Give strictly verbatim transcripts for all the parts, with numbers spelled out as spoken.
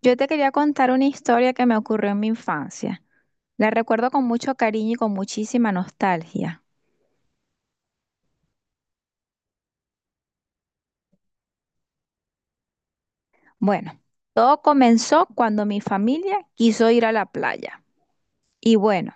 Yo te quería contar una historia que me ocurrió en mi infancia. La recuerdo con mucho cariño y con muchísima nostalgia. Bueno, todo comenzó cuando mi familia quiso ir a la playa. Y bueno,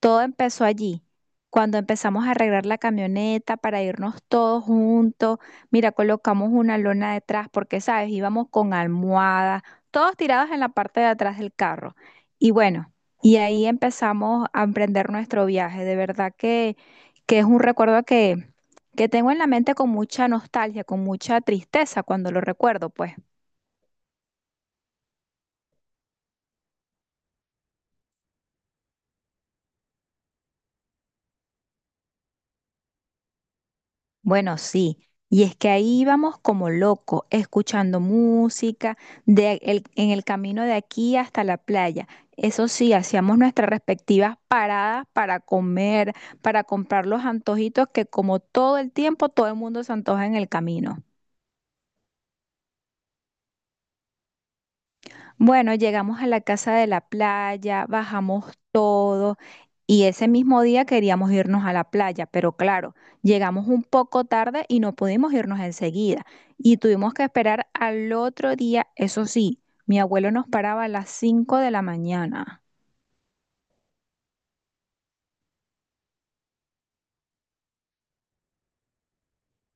Todo empezó allí, cuando empezamos a arreglar la camioneta para irnos todos juntos. Mira, colocamos una lona detrás porque, sabes, íbamos con almohadas, todos tirados en la parte de atrás del carro. Y bueno, y ahí empezamos a emprender nuestro viaje. De verdad que, que es un recuerdo que, que tengo en la mente con mucha nostalgia, con mucha tristeza cuando lo recuerdo, pues. Bueno, sí. Y es que ahí íbamos como locos, escuchando música de el- en el camino de aquí hasta la playa. Eso sí, hacíamos nuestras respectivas paradas para comer, para comprar los antojitos que como todo el tiempo todo el mundo se antoja en el camino. Bueno, llegamos a la casa de la playa, bajamos todo, Y ese mismo día queríamos irnos a la playa, pero claro, llegamos un poco tarde y no pudimos irnos enseguida. Y tuvimos que esperar al otro día, eso sí, mi abuelo nos paraba a las cinco de la mañana.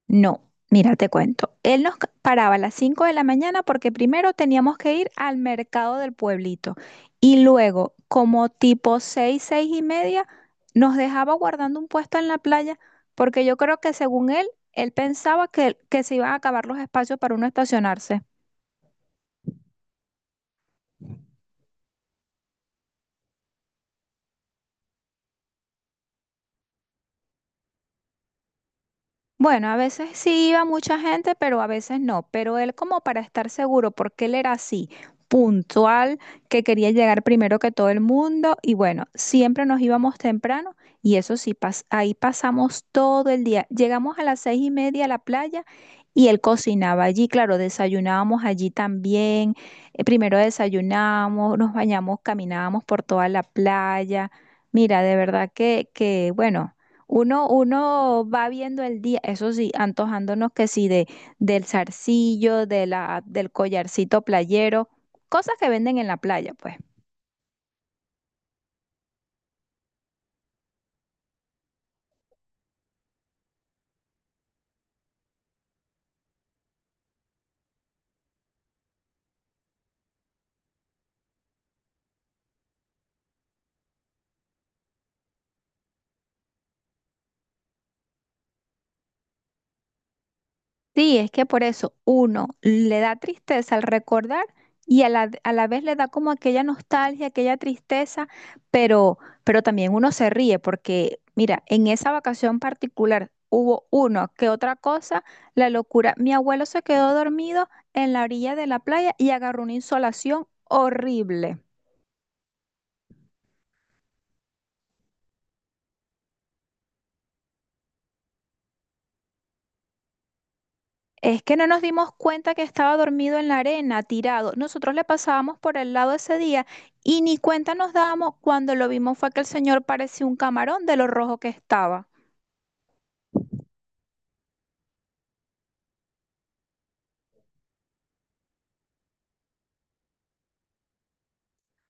No, mira, te cuento. Él nos ca- paraba a las cinco de la mañana porque primero teníamos que ir al mercado del pueblito y luego, como tipo seis, seis y media, nos dejaba guardando un puesto en la playa porque yo creo que según él, él pensaba que, que se iban a acabar los espacios para uno estacionarse. Bueno, a veces sí iba mucha gente, pero a veces no. Pero él como para estar seguro, porque él era así, puntual, que quería llegar primero que todo el mundo. Y bueno, siempre nos íbamos temprano y eso sí, pas- ahí pasamos todo el día. Llegamos a las seis y media a la playa y él cocinaba allí. Claro, desayunábamos allí también. Eh, primero desayunamos, nos bañamos, caminábamos por toda la playa. Mira, de verdad que, que, bueno. Uno, uno va viendo el día, eso sí, antojándonos que sí, de, del zarcillo, de la, del collarcito playero, cosas que venden en la playa, pues. Sí, es que por eso uno le da tristeza al recordar y a la, a la vez le da como aquella nostalgia, aquella tristeza, pero, pero también uno se ríe porque, mira, en esa vacación particular hubo uno que otra cosa, la locura. Mi abuelo se quedó dormido en la orilla de la playa y agarró una insolación horrible. Es que no nos dimos cuenta que estaba dormido en la arena, tirado. Nosotros le pasábamos por el lado ese día y ni cuenta nos dábamos cuando lo vimos fue que el señor parecía un camarón de lo rojo que estaba.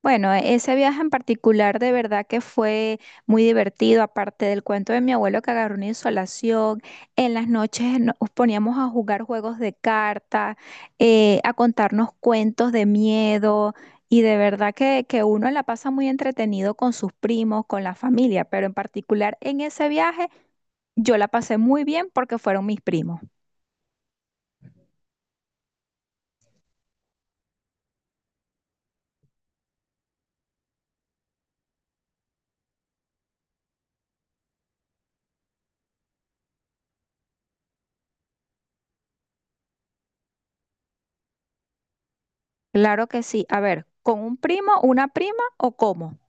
Bueno, ese viaje en particular de verdad que fue muy divertido, aparte del cuento de mi abuelo que agarró una insolación, en las noches nos poníamos a jugar juegos de carta, eh, a contarnos cuentos de miedo y de verdad que, que uno la pasa muy entretenido con sus primos, con la familia, pero en particular en ese viaje yo la pasé muy bien porque fueron mis primos. Claro que sí, a ver, ¿con un primo, una prima o cómo?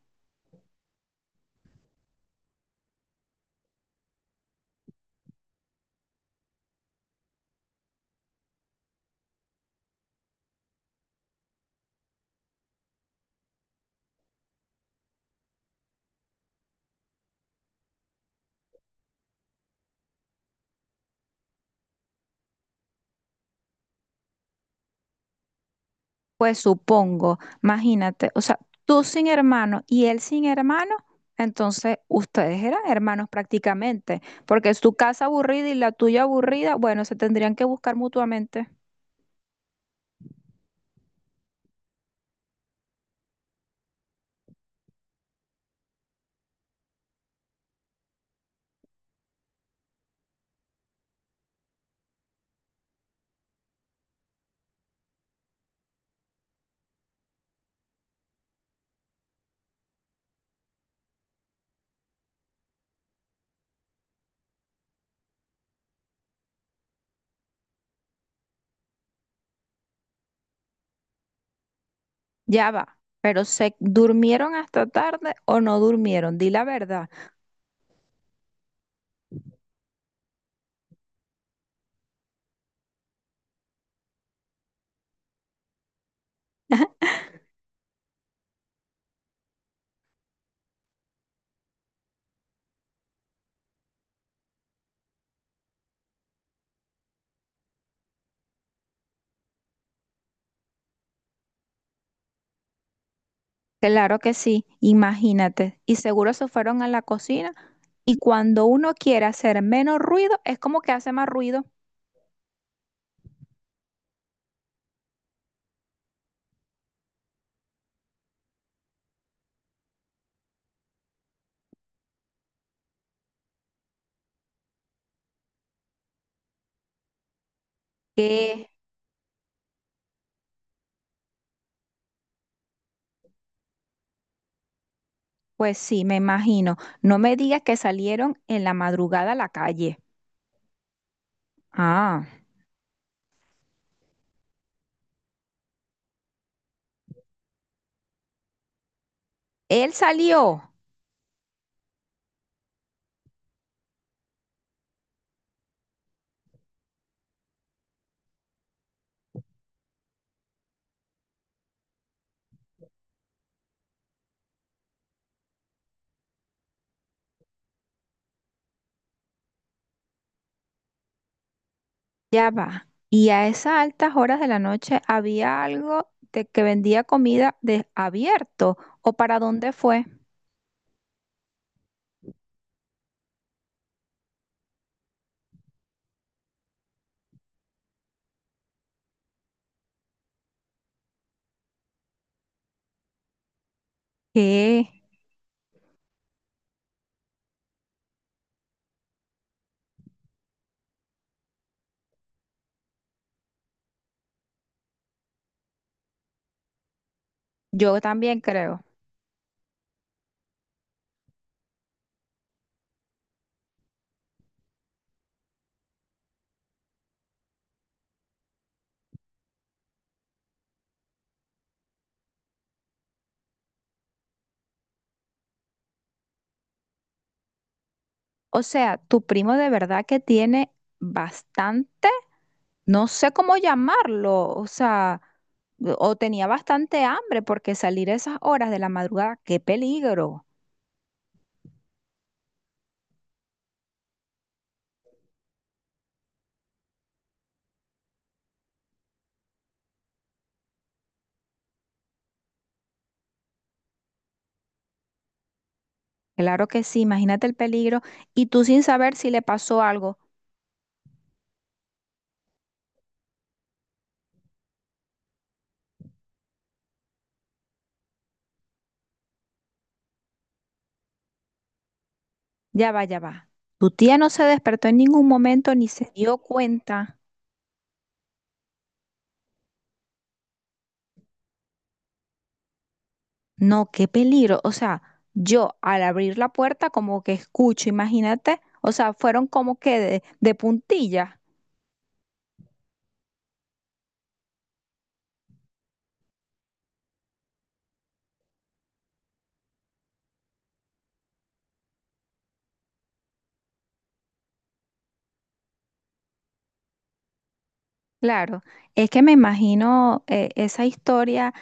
Pues supongo, imagínate, o sea, tú sin hermano y él sin hermano, entonces ustedes eran hermanos prácticamente, porque es tu casa aburrida y la tuya aburrida, bueno, se tendrían que buscar mutuamente. Ya va, pero ¿se durmieron hasta tarde o no durmieron? Di la verdad. Claro que sí, imagínate. Y seguro se fueron a la cocina y cuando uno quiere hacer menos ruido, es como que hace más ruido. ¿Qué? Pues sí, me imagino. No me digas que salieron en la madrugada a la calle. Ah, él salió. Ya va. Y a esas altas horas de la noche había algo de que vendía comida de abierto. ¿O para dónde fue? Que yo también creo. O sea, tu primo de verdad que tiene bastante, no sé cómo llamarlo, o sea, o tenía bastante hambre porque salir a esas horas de la madrugada, qué peligro. Claro que sí, imagínate el peligro y tú sin saber si le pasó algo. Ya va, ya va. Tu tía no se despertó en ningún momento ni se dio cuenta. No, qué peligro. O sea, yo al abrir la puerta como que escucho, imagínate. O sea, fueron como que de, de puntilla. Claro, es que me imagino eh, esa historia.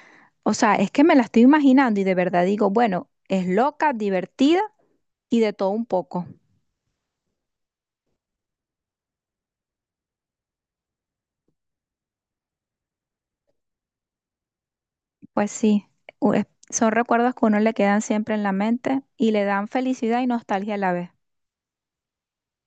O sea, es que me la estoy imaginando y de verdad digo, bueno, es loca, divertida y de todo un poco. Pues sí, u- es- son recuerdos que a uno le quedan siempre en la mente y le dan felicidad y nostalgia a la vez.